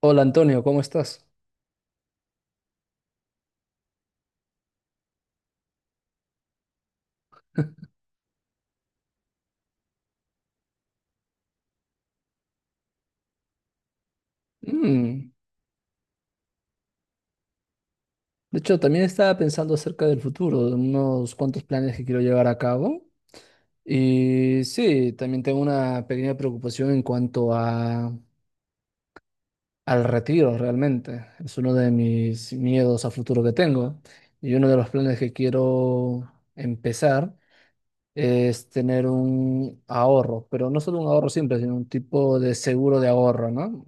Hola Antonio, ¿cómo estás? Mm, de hecho, también estaba pensando acerca del futuro, de unos cuantos planes que quiero llevar a cabo. Y sí, también tengo una pequeña preocupación en cuanto a, al retiro realmente. Es uno de mis miedos a futuro que tengo. Y uno de los planes que quiero empezar es tener un ahorro, pero no solo un ahorro simple, sino un tipo de seguro de ahorro, ¿no?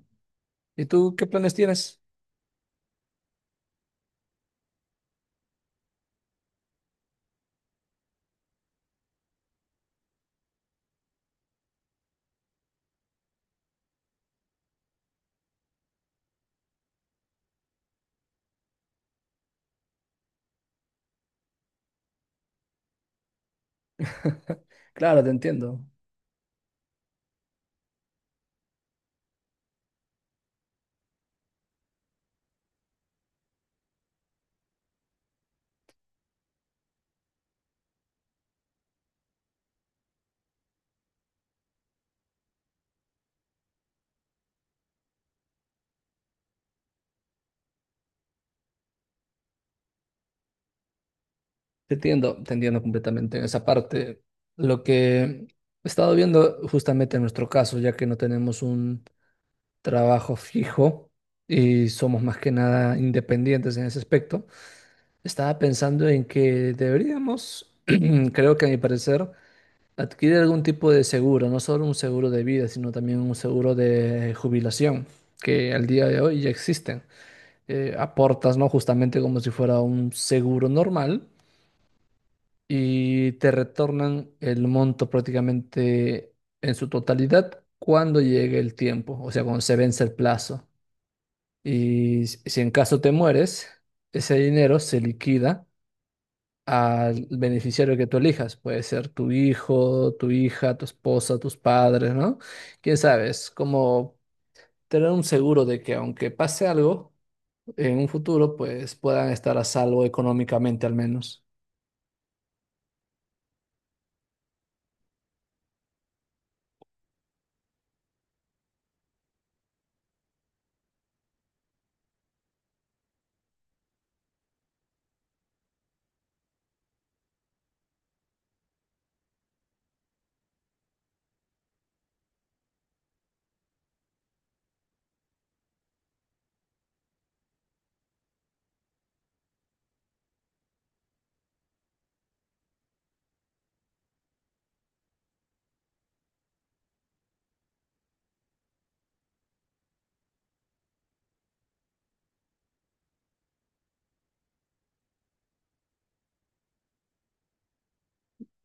¿Y tú qué planes tienes? Claro, te entiendo. Te entiendo completamente en esa parte. Lo que he estado viendo justamente en nuestro caso, ya que no tenemos un trabajo fijo y somos más que nada independientes en ese aspecto, estaba pensando en que deberíamos, creo que a mi parecer, adquirir algún tipo de seguro, no solo un seguro de vida, sino también un seguro de jubilación, que al día de hoy ya existen. Aportas, ¿no? Justamente como si fuera un seguro normal y te retornan el monto prácticamente en su totalidad cuando llegue el tiempo, o sea, cuando se vence el plazo. Y si en caso te mueres, ese dinero se liquida al beneficiario que tú elijas. Puede ser tu hijo, tu hija, tu esposa, tus padres, ¿no? Quién sabe, es como tener un seguro de que aunque pase algo en un futuro, pues puedan estar a salvo económicamente al menos.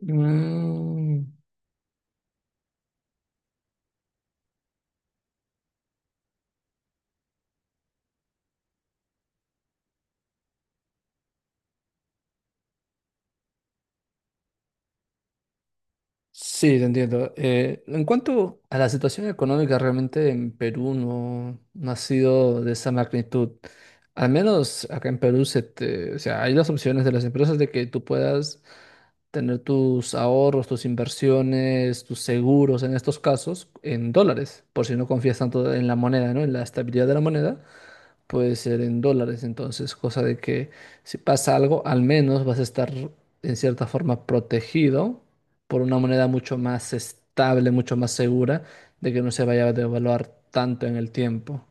Mm. Sí, te entiendo. En cuanto a la situación económica, realmente en Perú no ha sido de esa magnitud. Al menos acá en Perú o sea, hay las opciones de las empresas de que tú puedas tener tus ahorros, tus inversiones, tus seguros en estos casos en dólares, por si no confías tanto en la moneda, ¿no? En la estabilidad de la moneda puede ser en dólares, entonces, cosa de que si pasa algo, al menos vas a estar en cierta forma protegido por una moneda mucho más estable, mucho más segura de que no se vaya a devaluar tanto en el tiempo.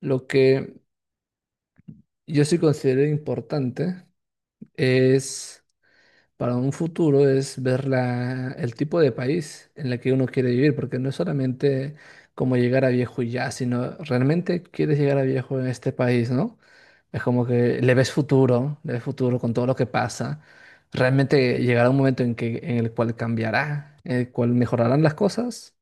Lo que yo sí considero importante es para un futuro es ver el tipo de país en el que uno quiere vivir, porque no es solamente como llegar a viejo y ya, sino realmente quieres llegar a viejo en este país, ¿no? Es como que le ves futuro con todo lo que pasa. Realmente llegará un momento en que, en el cual cambiará, en el cual mejorarán las cosas.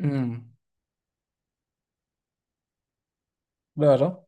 Mm, claro.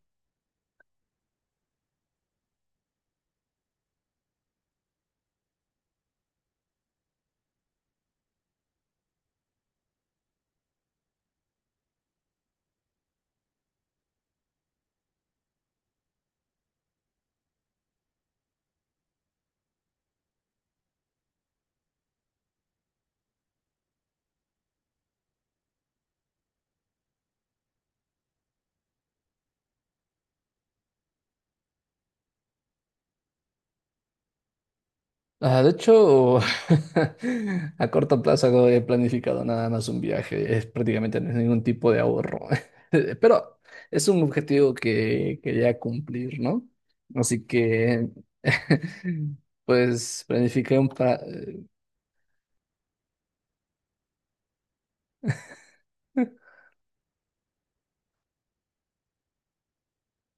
Ah, de hecho, a corto plazo no he planificado nada más un viaje, es prácticamente no es ningún tipo de ahorro, pero es un objetivo que quería cumplir, ¿no? Así que, pues planifiqué un,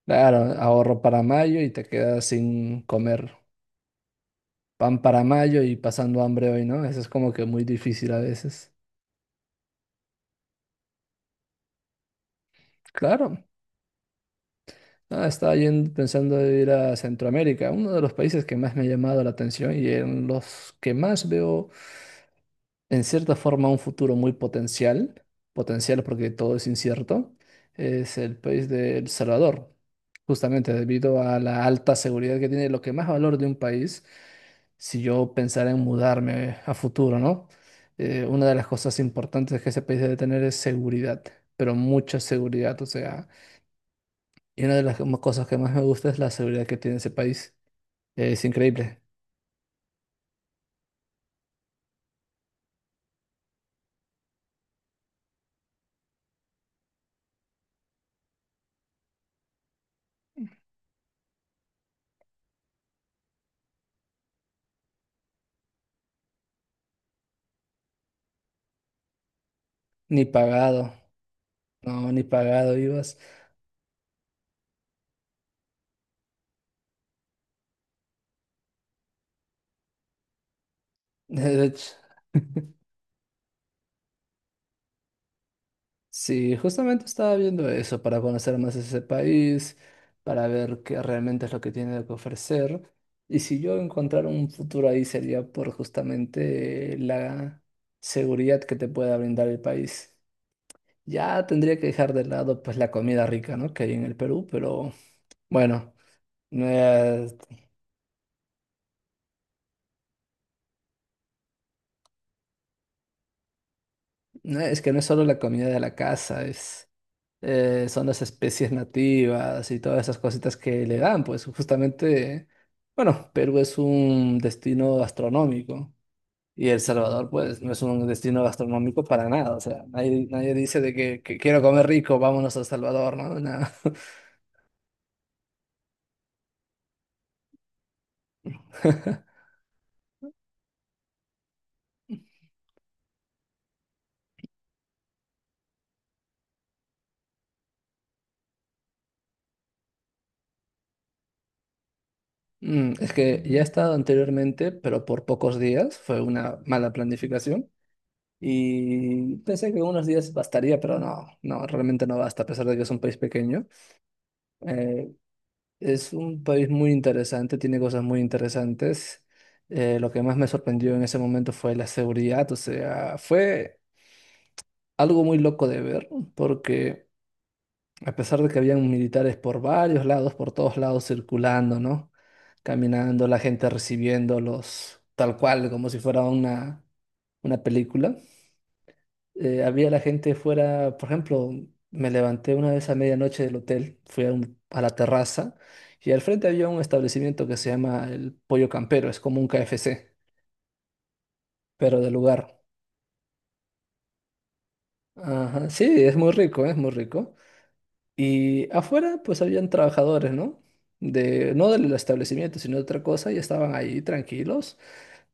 Claro, ahorro para mayo y te quedas sin comer pan para mayo y pasando hambre hoy, ¿no? Eso es como que muy difícil a veces. Claro. Nada, estaba yendo pensando en ir a Centroamérica, uno de los países que más me ha llamado la atención y en los que más veo, en cierta forma, un futuro muy potencial, potencial porque todo es incierto, es el país de El Salvador, justamente debido a la alta seguridad que tiene, lo que más valor de un país, si yo pensara en mudarme a futuro, ¿no? Una de las cosas importantes que ese país debe tener es seguridad, pero mucha seguridad, o sea y una de las como cosas que más me gusta es la seguridad que tiene ese país. Es increíble. Ni pagado. No, ni pagado ibas. De hecho, sí, justamente estaba viendo eso para conocer más ese país, para ver qué realmente es lo que tiene que ofrecer. Y si yo encontrara un futuro ahí sería por justamente la seguridad que te pueda brindar el país. Ya tendría que dejar de lado pues la comida rica, ¿no? Que hay en el Perú, pero bueno. Eh, No, es que no es solo la comida de la casa, es, son las especies nativas y todas esas cositas que le dan, pues justamente, bueno, Perú es un destino gastronómico y El Salvador, pues, no es un destino gastronómico para nada, o sea, nadie dice de que quiero comer rico, vámonos a El Salvador, ¿no? Nada. Mm, es que ya he estado anteriormente, pero por pocos días, fue una mala planificación. Y pensé que unos días bastaría, pero no, realmente no basta, a pesar de que es un país pequeño. Eh, es un país muy interesante, tiene cosas muy interesantes. Lo que más me sorprendió en ese momento fue la seguridad, o sea, fue algo muy loco de ver, porque a pesar de que habían militares por varios lados, por todos lados circulando, ¿no? Caminando, la gente recibiéndolos tal cual, como si fuera una película. Había la gente fuera, por ejemplo, me levanté una vez a medianoche del hotel, fui a, a la terraza y al frente había un establecimiento que se llama el Pollo Campero, es como un KFC, pero de lugar. Ajá, sí, es muy rico, es muy rico. Y afuera pues habían trabajadores, ¿no? De, no del establecimiento, sino de otra cosa, y estaban ahí tranquilos,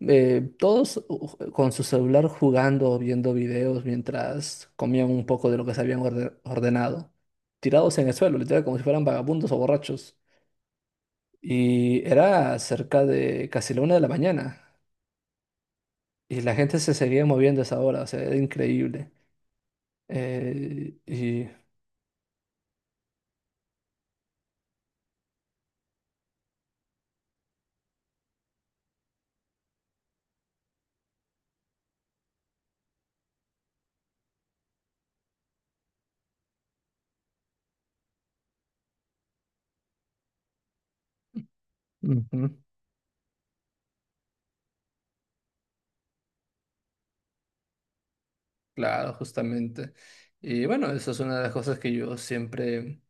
con su celular jugando, viendo videos mientras comían un poco de lo que se habían ordenado, tirados en el suelo, literal, como si fueran vagabundos o borrachos. Y era cerca de casi la una de la mañana, y la gente se seguía moviendo a esa hora, o sea, era increíble. Eh, y... Ujú. Claro, justamente. Y bueno, eso es una de las cosas que yo siempre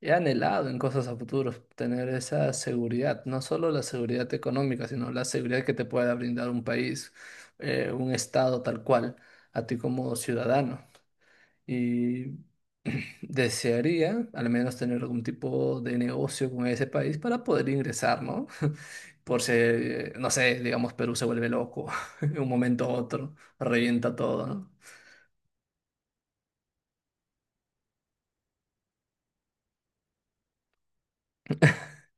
he anhelado en cosas a futuro tener esa seguridad, no solo la seguridad económica, sino la seguridad que te pueda brindar un país, un estado tal cual, a ti como ciudadano. Y desearía al menos tener algún tipo de negocio con ese país para poder ingresar, ¿no? Por si, no sé, digamos, Perú se vuelve loco en un momento u otro, revienta todo, ¿no?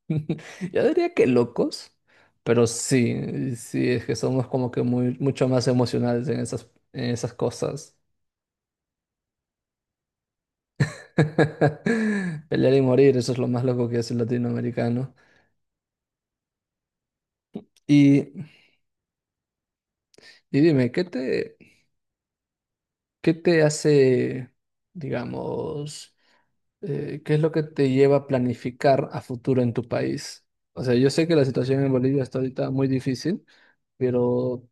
Yo diría que locos, pero sí, sí, es que somos como que muy, mucho más emocionales en esas cosas. Pelear y morir, eso es lo más loco que es el latinoamericano. Y, y dime, ¿qué te hace, digamos, qué es lo que te lleva a planificar a futuro en tu país? O sea, yo sé que la situación en Bolivia está ahorita muy difícil, pero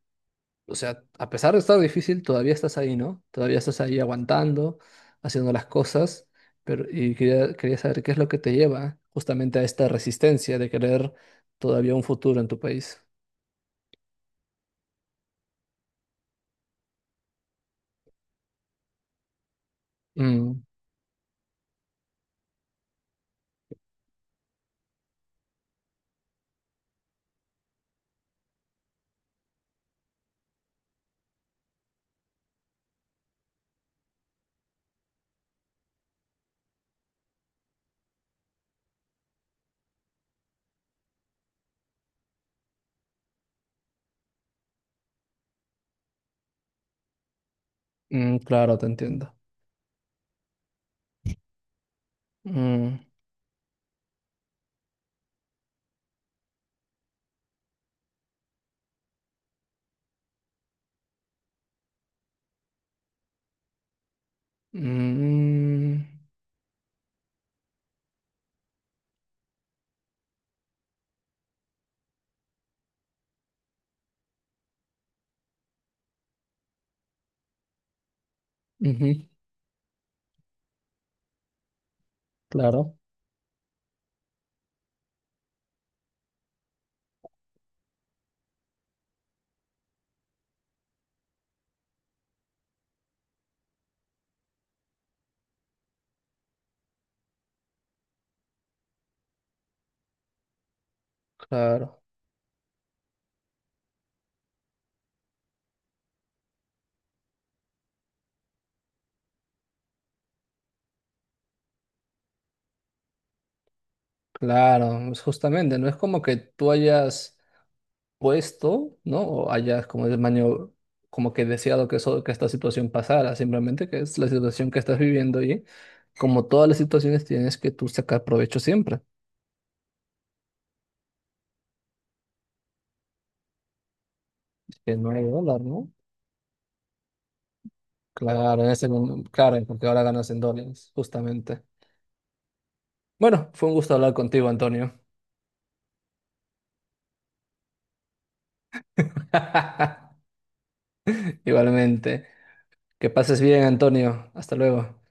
o sea, a pesar de estar difícil, todavía estás ahí, ¿no? Todavía estás ahí aguantando, haciendo las cosas, pero y quería saber qué es lo que te lleva justamente a esta resistencia de querer todavía un futuro en tu país. Mm, mm, claro, te entiendo. Mm, mm, ujú, claro, claro, claro. Es justamente, no es como que tú hayas puesto, ¿no? O hayas como el maño, como que deseado que, eso, que esta situación pasara, simplemente que es la situación que estás viviendo y como todas las situaciones tienes que tú sacar provecho siempre. Que no hay dólar, ¿no? Claro, en ese claro, porque ahora ganas en dólares, justamente. Bueno, fue un gusto hablar contigo, Antonio. Igualmente. Que pases bien, Antonio. Hasta luego.